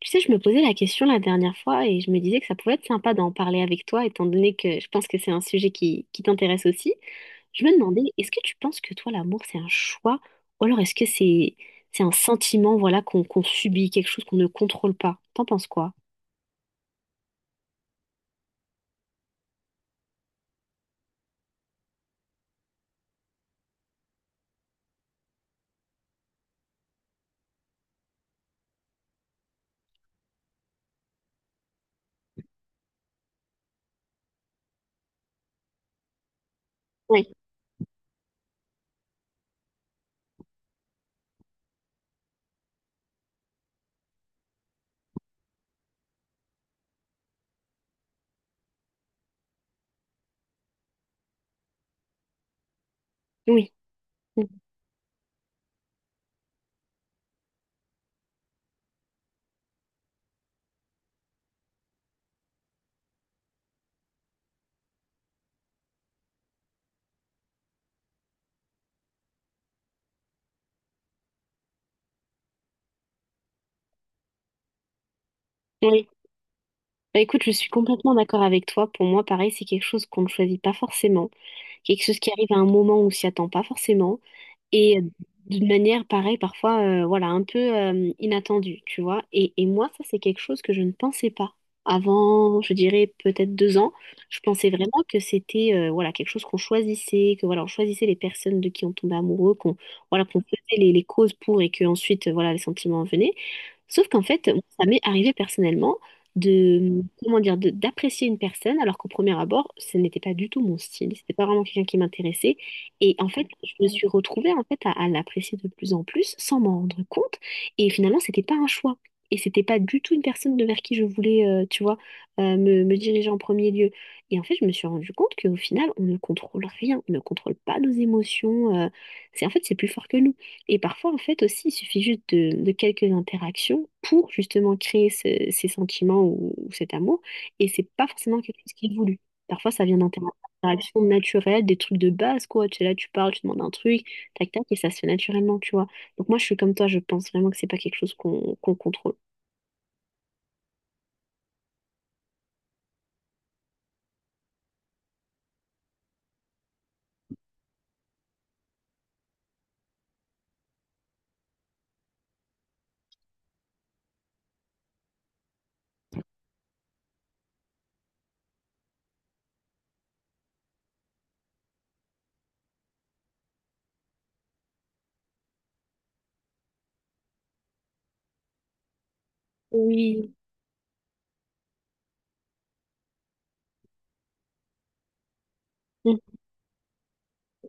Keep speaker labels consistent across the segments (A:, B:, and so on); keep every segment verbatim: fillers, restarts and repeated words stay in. A: Tu sais, je me posais la question la dernière fois et je me disais que ça pouvait être sympa d'en parler avec toi, étant donné que je pense que c'est un sujet qui, qui t'intéresse aussi. Je me demandais, est-ce que tu penses que toi, l'amour, c'est un choix, ou alors est-ce que c'est c'est un sentiment, voilà, qu'on qu'on subit, quelque chose qu'on ne contrôle pas? T'en penses quoi? Oui, oui, oui. Bah, écoute, je suis complètement d'accord avec toi. Pour moi, pareil, c'est quelque chose qu'on ne choisit pas forcément, quelque chose qui arrive à un moment où on s'y attend pas forcément, et euh, d'une manière pareille, parfois, euh, voilà, un peu euh, inattendue, tu vois. Et, et moi, ça, c'est quelque chose que je ne pensais pas. Avant, je dirais peut-être deux ans, je pensais vraiment que c'était euh, voilà quelque chose qu'on choisissait, que voilà on choisissait les personnes de qui on tombait amoureux, qu'on voilà qu'on faisait les, les causes pour et que ensuite euh, voilà les sentiments venaient. Sauf qu'en fait, moi, ça m'est arrivé personnellement de, comment dire, de- d'apprécier une personne alors qu'au premier abord, ce n'était pas du tout mon style, c'était pas vraiment quelqu'un qui m'intéressait. Et en fait, je me suis retrouvée en fait à, à l'apprécier de plus en plus sans m'en rendre compte. Et finalement, c'était pas un choix. Et c'était pas du tout une personne de vers qui je voulais, euh, tu vois, euh, me, me diriger en premier lieu. Et en fait, je me suis rendu compte qu'au final, on ne contrôle rien, on ne contrôle pas nos émotions. Euh, c'est en fait, c'est plus fort que nous. Et parfois, en fait, aussi, il suffit juste de, de quelques interactions pour justement créer ce- ces sentiments ou, ou cet amour. Et c'est pas forcément quelque chose qui est voulu. Parfois, ça vient d'inter- d'interactions naturelles, des trucs de base, quoi. Tu es là, tu parles, tu demandes un truc, tac, tac, et ça se fait naturellement, tu vois. Donc moi, je suis comme toi, je pense vraiment que c'est pas quelque chose qu'on qu'on contrôle. Oui.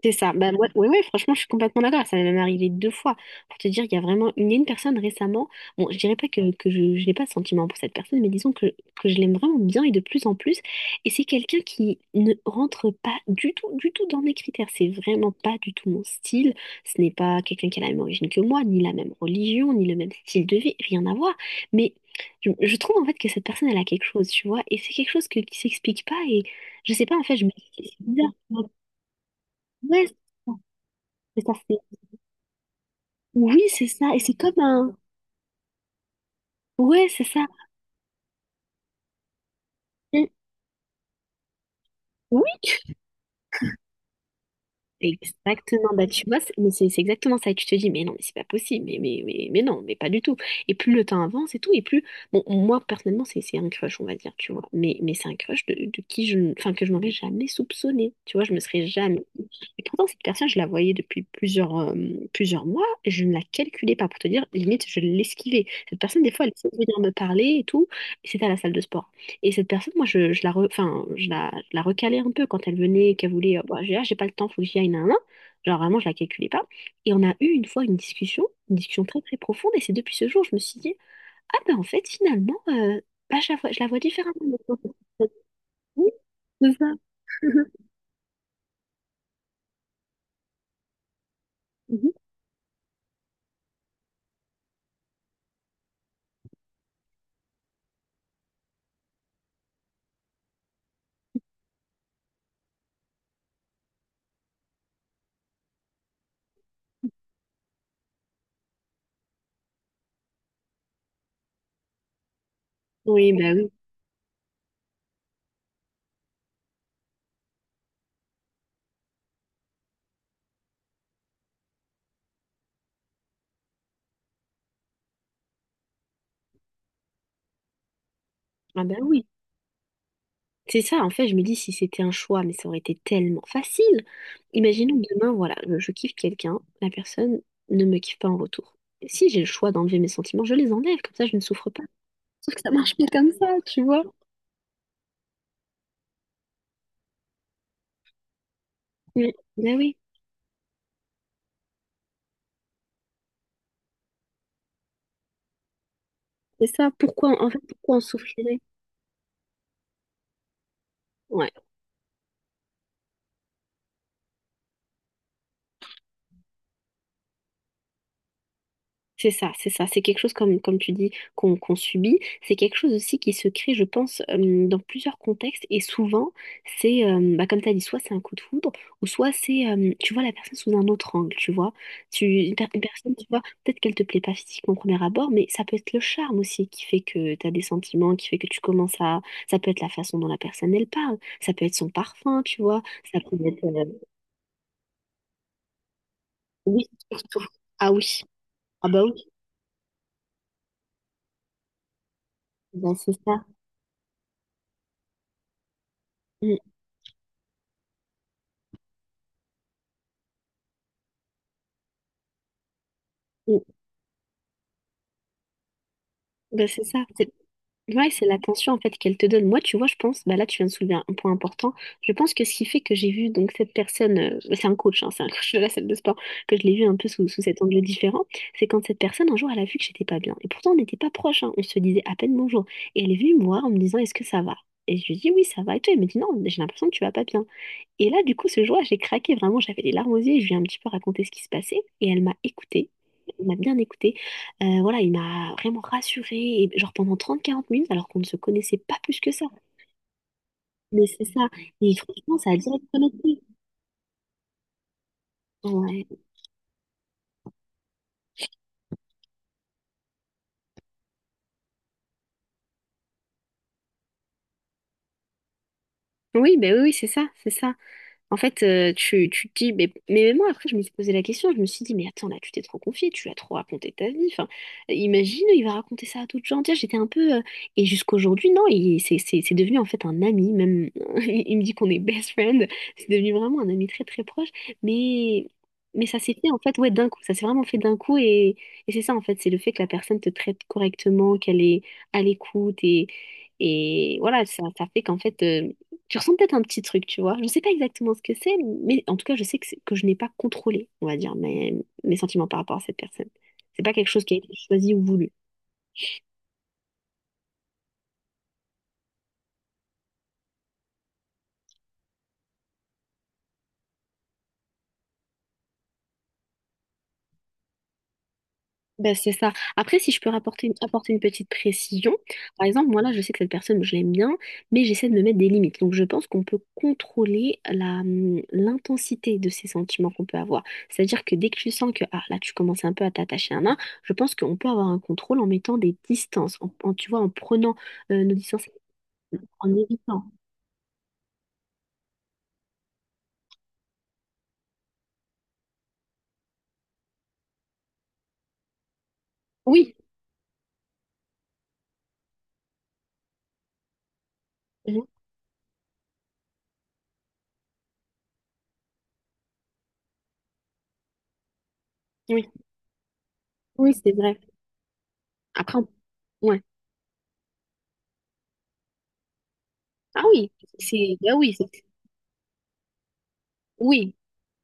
A: C'est ça. Bah, moi, ouais, ouais, franchement, je suis complètement d'accord. Ça m'est même arrivé deux fois. Pour te dire, il y a vraiment une, il y a une personne récemment. Bon, je dirais pas que, que je, je n'ai pas de sentiment pour cette personne, mais disons que, que je l'aime vraiment bien et de plus en plus. Et c'est quelqu'un qui ne rentre pas du tout, du tout dans mes critères. C'est vraiment pas du tout mon style. Ce n'est pas quelqu'un qui a la même origine que moi, ni la même religion, ni le même style de vie. Rien à voir. Mais je, je trouve en fait que cette personne, elle a quelque chose, tu vois. Et c'est quelque chose que, qui s'explique pas. Et je sais pas, en fait, je me dis, c'est bizarre. Ouais, et ça fait... Oui, c'est ça. Et c'est comme un... Ouais, c'est ça. Et- Oui, exactement. Bah, tu vois, c'est mais c'est- c'est exactement ça. Et tu te dis, mais non, mais c'est pas possible. Mais, mais, mais, mais non, mais pas du tout. Et plus le temps avance et tout, et plus... Bon, moi, personnellement, c'est c'est un crush, on va dire, tu vois. Mais, mais c'est un crush de, de qui je... ne- Enfin, que je m'aurais jamais soupçonné. Tu vois, je me serais jamais... Et pourtant, cette personne, je la voyais depuis plusieurs, euh, plusieurs mois. Je ne la calculais pas. Pour te dire, limite, je l'esquivais. Cette personne, des fois, elle essayait de venir me parler et tout. Et c'était à la salle de sport. Et cette personne, moi, je, je la, re- enfin, je la, je la recalais un peu quand elle venait, qu'elle voulait, euh, bah, j'ai ah, j'ai pas le temps, faut que j'y aille, nan, nan, genre vraiment, je la calculais pas. Et on a eu une fois une discussion, une discussion très très profonde. Et c'est depuis ce jour, je me suis dit, ah ben en fait, finalement, euh, bah, je la vois, je la vois différemment maintenant. Oui, c'est ça. Mhm. Oui, bah oui. Ah ben oui. C'est ça, en fait, je me dis si c'était un choix, mais ça aurait été tellement facile. Imaginons que demain, voilà, je, je kiffe quelqu'un, la personne ne me kiffe pas en retour. Si j'ai le choix d'enlever mes sentiments, je les enlève, comme ça je ne souffre pas. Sauf que ça marche pas comme... Mais, mais oui, c'est ça, pourquoi, en fait, pourquoi on souffrirait? Ouais. C'est ça, c'est ça. C'est quelque chose, comme, comme tu dis, qu'on qu'on subit. C'est quelque chose aussi qui se crée, je pense, euh, dans plusieurs contextes. Et souvent, c'est, euh, bah, comme tu as dit, soit c'est un coup de foudre, ou soit c'est, euh, tu vois la personne sous un autre angle, tu vois. Tu, une, per- une personne, tu vois, peut-être qu'elle te plaît pas physiquement au premier abord, mais ça peut être le charme aussi qui fait que tu as des sentiments, qui fait que tu commences à... Ça peut être la façon dont la personne, elle parle. Ça peut être son parfum, tu vois. Ça peut être... euh, oui, surtout. Ah oui. Ah bah oui, bah, c'est ça. Mm, mm. Ben, c'est ça. C'est ouais, c'est l'attention en fait qu'elle te donne. Moi, tu vois, je pense, bah là, tu viens de soulever un, un point important. Je pense que ce qui fait que j'ai vu donc cette personne, euh, bah, c'est un coach, hein, c'est un coach de la salle de sport, que je l'ai vu un peu sous, sous cet angle différent, c'est quand cette personne, un jour, elle a vu que j'étais pas bien. Et pourtant, on n'était pas proches, hein, on se disait à peine bonjour. Et elle est venue me voir en me disant, est-ce que ça va? Et je lui dis, oui, ça va. Et toi, elle me dit, non, j'ai l'impression que tu vas pas bien. Et là, du coup, ce jour-là, j'ai craqué vraiment, j'avais les larmes aux yeux, et je lui ai un petit peu raconté ce qui se passait, et elle m'a écoutée. Il m'a bien écoutée. Euh, voilà, il m'a vraiment rassurée, et genre pendant trente, quarante minutes, alors qu'on ne se connaissait pas plus que ça. Mais c'est ça. Et franchement, ça a direct connecté. Ouais. Oui, ben oui, oui, c'est ça, c'est ça. En fait, euh, tu, tu te dis, mais, mais même moi, après, je me suis posé la question, je me suis dit, mais attends, là, tu t'es trop confié, tu l'as trop raconté ta vie. Enfin, euh, imagine, il va raconter ça à d'autres gens. Tiens, j'étais un peu. euh, Et jusqu'aujourd'hui, non, il- c'est c'est- c'est devenu en fait un ami, même. Il il me dit qu'on est best friend. C'est devenu vraiment un ami très, très proche. Mais, mais ça s'est fait, en fait, ouais, d'un coup. Ça s'est vraiment fait d'un coup. Et, et c'est ça, en fait, c'est le fait que la personne te traite correctement, qu'elle est à l'écoute. Et, et voilà, ça, ça fait qu'en fait. euh, tu ressens peut-être un petit truc, tu vois. Je ne sais pas exactement ce que c'est, mais en tout cas, je sais que, c'est- que je n'ai pas contrôlé, on va dire, mes, mes sentiments par rapport à cette personne. C'est pas quelque chose qui a été choisi ou voulu. Ben, c'est ça. Après, si je peux rapporter une- apporter une petite précision, par exemple, moi là, je sais que cette personne, je l'aime bien, mais j'essaie de me mettre des limites. Donc, je pense qu'on peut contrôler la, hum, l'intensité de ces sentiments qu'on peut avoir. C'est-à-dire que dès que tu sens que ah, là, tu commences un peu à t'attacher à un nain, je pense qu'on peut avoir un contrôle en mettant des distances, en, en- tu vois, en prenant euh, nos distances en évitant. Oui, mhm, oui, oui, c'est vrai. Après, on- ouais. Ah oui, c'est, bah oui, c'est- oui,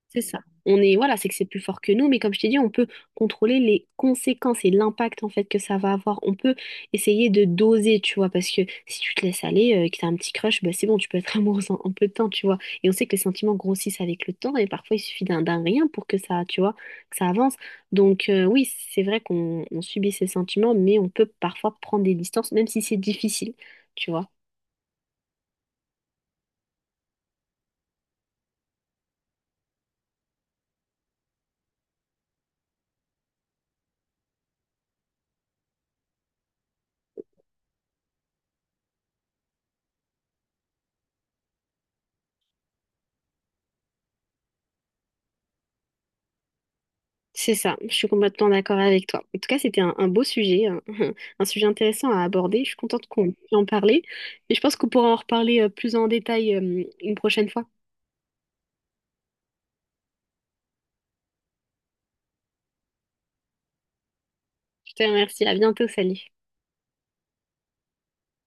A: c'est ça. On est, voilà, c'est que c'est plus fort que nous, mais comme je t'ai dit, on peut contrôler les conséquences et l'impact en fait que ça va avoir. On peut essayer de doser, tu vois, parce que si tu te laisses aller, euh, que t'as un petit crush, bah c'est bon, tu peux être amoureuse en, en peu de temps, tu vois. Et on sait que les sentiments grossissent avec le temps, et parfois il suffit d'un d'un rien pour que ça, tu vois, que ça avance. Donc euh, oui, c'est vrai qu'on on subit ces sentiments, mais on peut parfois prendre des distances, même si c'est difficile, tu vois. C'est ça, je suis complètement d'accord avec toi. En tout cas, c'était un, un beau sujet, un, un sujet intéressant à aborder. Je suis contente qu'on ait pu en parler, mais je pense qu'on pourra en reparler euh, plus en détail euh, une prochaine fois. Je te remercie, à bientôt, salut.